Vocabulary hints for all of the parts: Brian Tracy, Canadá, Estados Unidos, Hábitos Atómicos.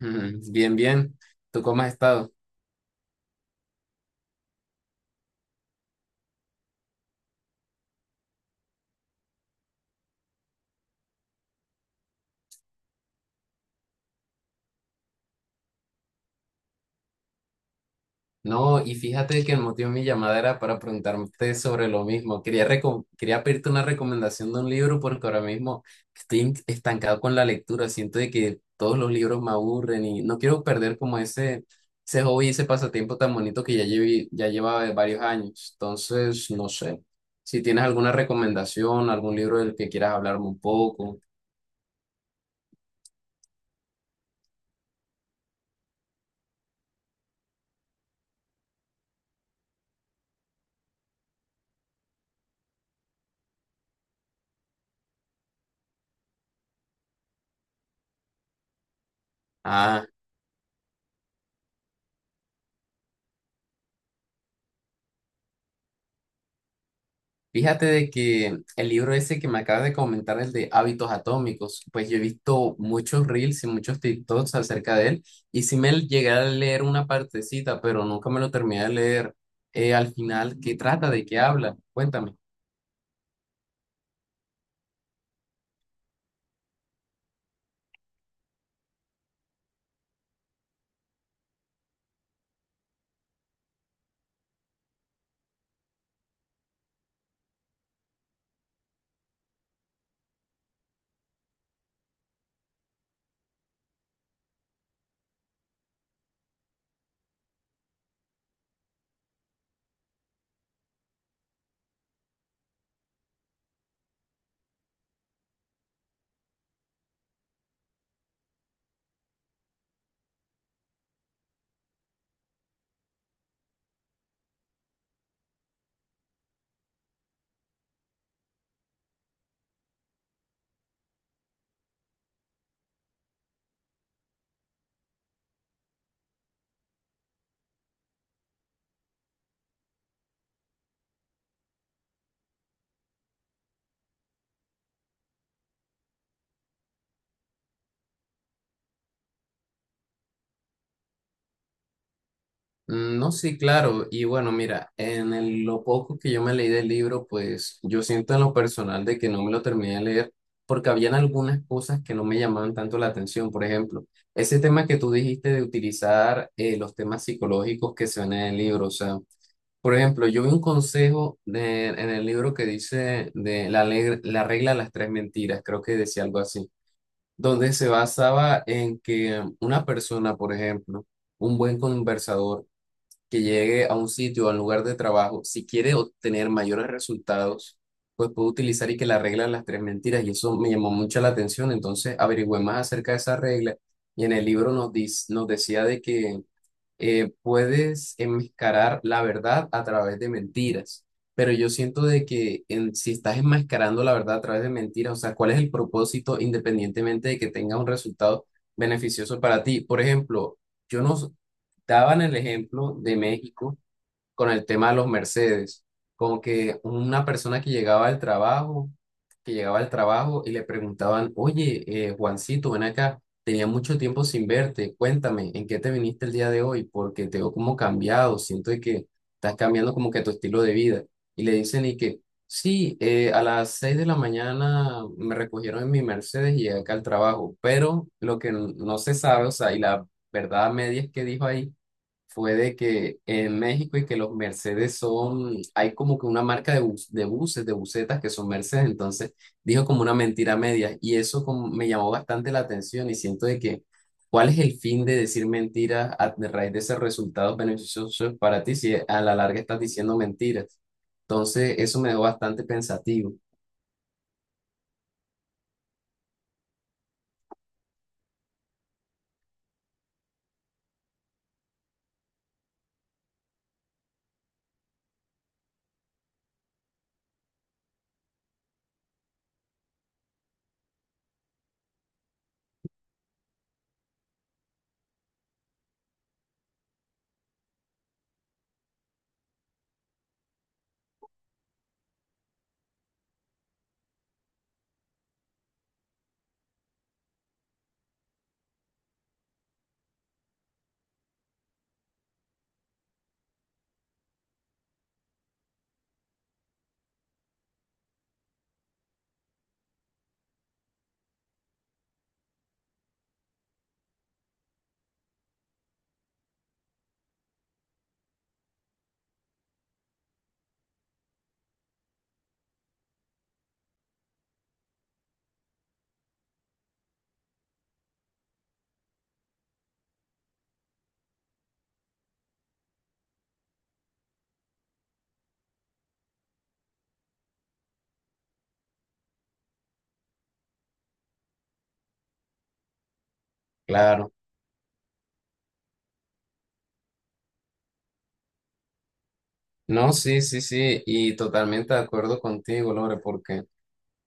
Mm, bien, bien. ¿Tú cómo has estado? No, y fíjate que el motivo de mi llamada era para preguntarte sobre lo mismo. Quería pedirte una recomendación de un libro porque ahora mismo estoy estancado con la lectura. Siento de que todos los libros me aburren y no quiero perder como ese hobby, ese pasatiempo tan bonito que ya lleva varios años. Entonces, no sé. Si tienes alguna recomendación, algún libro del que quieras hablarme un poco. Ah, fíjate de que el libro ese que me acabas de comentar, el de Hábitos Atómicos, pues yo he visto muchos reels y muchos TikToks acerca de él y sí me llegué a leer una partecita, pero nunca me lo terminé de leer. Al final, ¿qué trata? ¿De qué habla? Cuéntame. Mm, no, sí, claro. Y bueno, mira, en lo poco que yo me leí del libro, pues yo siento en lo personal de que no me lo terminé de leer porque habían algunas cosas que no me llamaban tanto la atención. Por ejemplo, ese tema que tú dijiste de utilizar los temas psicológicos que se ven en el libro. O sea, por ejemplo, yo vi un consejo en el libro que dice de la regla de las tres mentiras, creo que decía algo así, donde se basaba en que una persona, por ejemplo, un buen conversador, que llegue a un sitio o al lugar de trabajo, si quiere obtener mayores resultados, pues puede utilizar y que la regla de las tres mentiras. Y eso me llamó mucho la atención. Entonces averigüé más acerca de esa regla y en el libro nos decía de que puedes enmascarar la verdad a través de mentiras, pero yo siento de que si estás enmascarando la verdad a través de mentiras, o sea, ¿cuál es el propósito independientemente de que tenga un resultado beneficioso para ti? Por ejemplo, yo nos daban el ejemplo de México con el tema de los Mercedes. Como que una persona que llegaba al trabajo y le preguntaban, oye, Juancito, ven acá, tenía mucho tiempo sin verte, cuéntame, ¿en qué te viniste el día de hoy? Porque te veo como cambiado, siento de que estás cambiando como que tu estilo de vida. Y le dicen y que, sí, a las 6 de la mañana me recogieron en mi Mercedes y llegué acá al trabajo, pero lo que no se sabe, o sea, y la verdad media es que dijo ahí fue de que en México y que los Mercedes son, hay como que una marca de buses, de busetas que son Mercedes, entonces dijo como una mentira media y eso como me llamó bastante la atención y siento de que, ¿cuál es el fin de decir mentiras a de raíz de esos resultados beneficiosos para ti si a la larga estás diciendo mentiras? Entonces eso me dejó bastante pensativo. Claro. No, sí, sí, sí, y totalmente de acuerdo contigo, Lore, porque...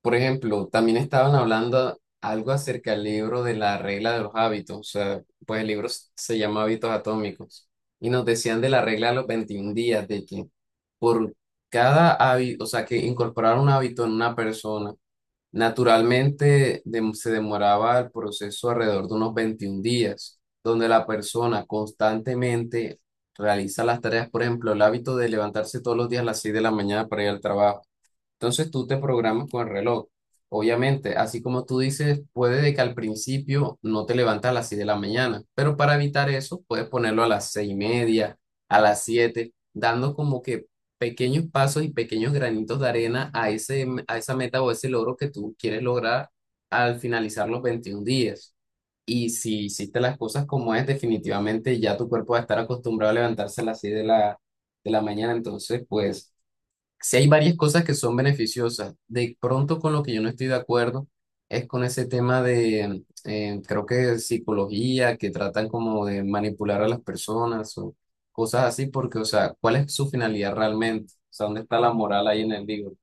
Por ejemplo, también estaban hablando algo acerca del libro de la regla de los hábitos, o sea, pues el libro se llama Hábitos Atómicos, y nos decían de la regla de los 21 días, de que por cada hábito, o sea, que incorporar un hábito en una persona, naturalmente se demoraba el proceso alrededor de unos 21 días, donde la persona constantemente realiza las tareas, por ejemplo, el hábito de levantarse todos los días a las 6 de la mañana para ir al trabajo. Entonces tú te programas con el reloj. Obviamente, así como tú dices, puede de que al principio no te levantes a las 6 de la mañana, pero para evitar eso puedes ponerlo a las 6:30, a las 7, dando como que pequeños pasos y pequeños granitos de arena a esa meta o ese logro que tú quieres lograr al finalizar los 21 días. Y si hiciste las cosas como es, definitivamente ya tu cuerpo va a estar acostumbrado a levantarse a las 6 de la mañana, entonces pues si hay varias cosas que son beneficiosas. De pronto con lo que yo no estoy de acuerdo es con ese tema de, creo que psicología, que tratan como de manipular a las personas o cosas así, porque, o sea, ¿cuál es su finalidad realmente? O sea, ¿dónde está la moral ahí en el libro?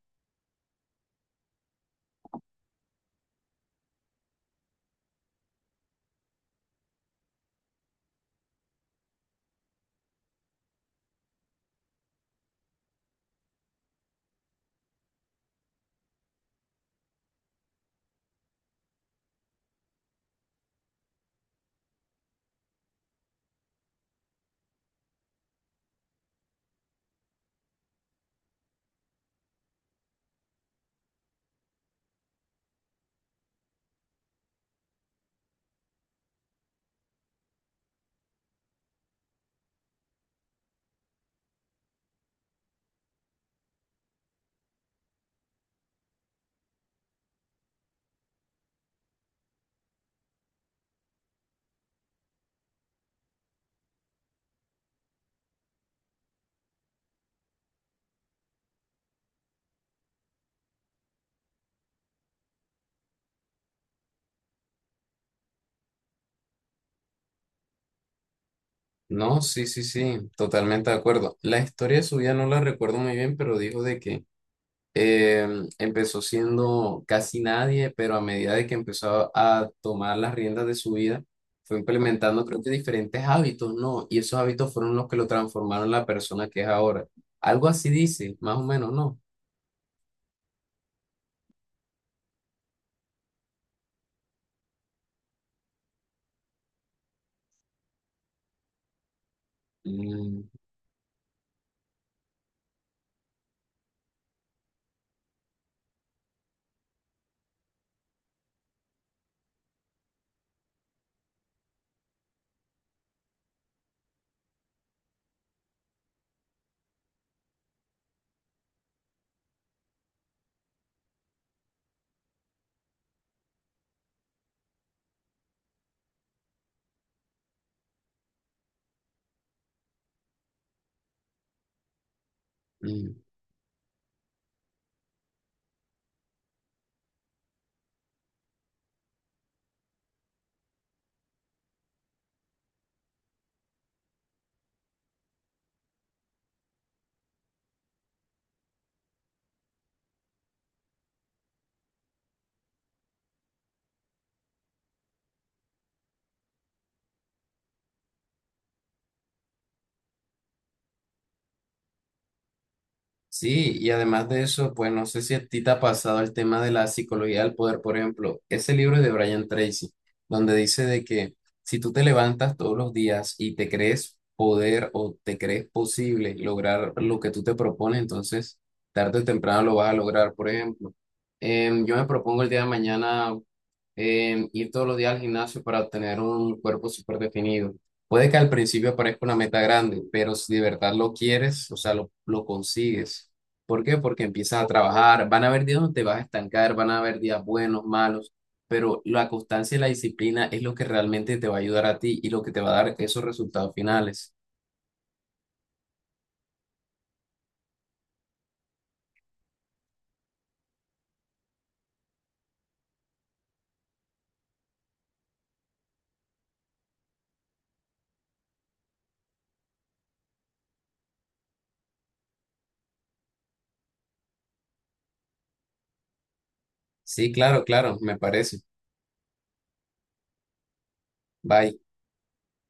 No, sí, sí, sí, totalmente de acuerdo. La historia de su vida no la recuerdo muy bien, pero dijo de que empezó siendo casi nadie, pero a medida de que empezó a tomar las riendas de su vida, fue implementando, creo que diferentes hábitos, ¿no? Y esos hábitos fueron los que lo transformaron en la persona que es ahora. Algo así dice, más o menos, ¿no? Mm, mm. Sí, y además de eso, pues no sé si a ti te ha pasado el tema de la psicología del poder, por ejemplo, ese libro de Brian Tracy, donde dice de que si tú te levantas todos los días y te crees poder o te crees posible lograr lo que tú te propones, entonces tarde o temprano lo vas a lograr, por ejemplo. Yo me propongo el día de mañana ir todos los días al gimnasio para obtener un cuerpo súper definido. Puede que al principio parezca una meta grande, pero si de verdad lo quieres, o sea, lo consigues. ¿Por qué? Porque empiezas a trabajar, van a haber días donde te vas a estancar, van a haber días buenos, malos, pero la constancia y la disciplina es lo que realmente te va a ayudar a ti y lo que te va a dar esos resultados finales. Sí, claro, claro, me parece. Bye.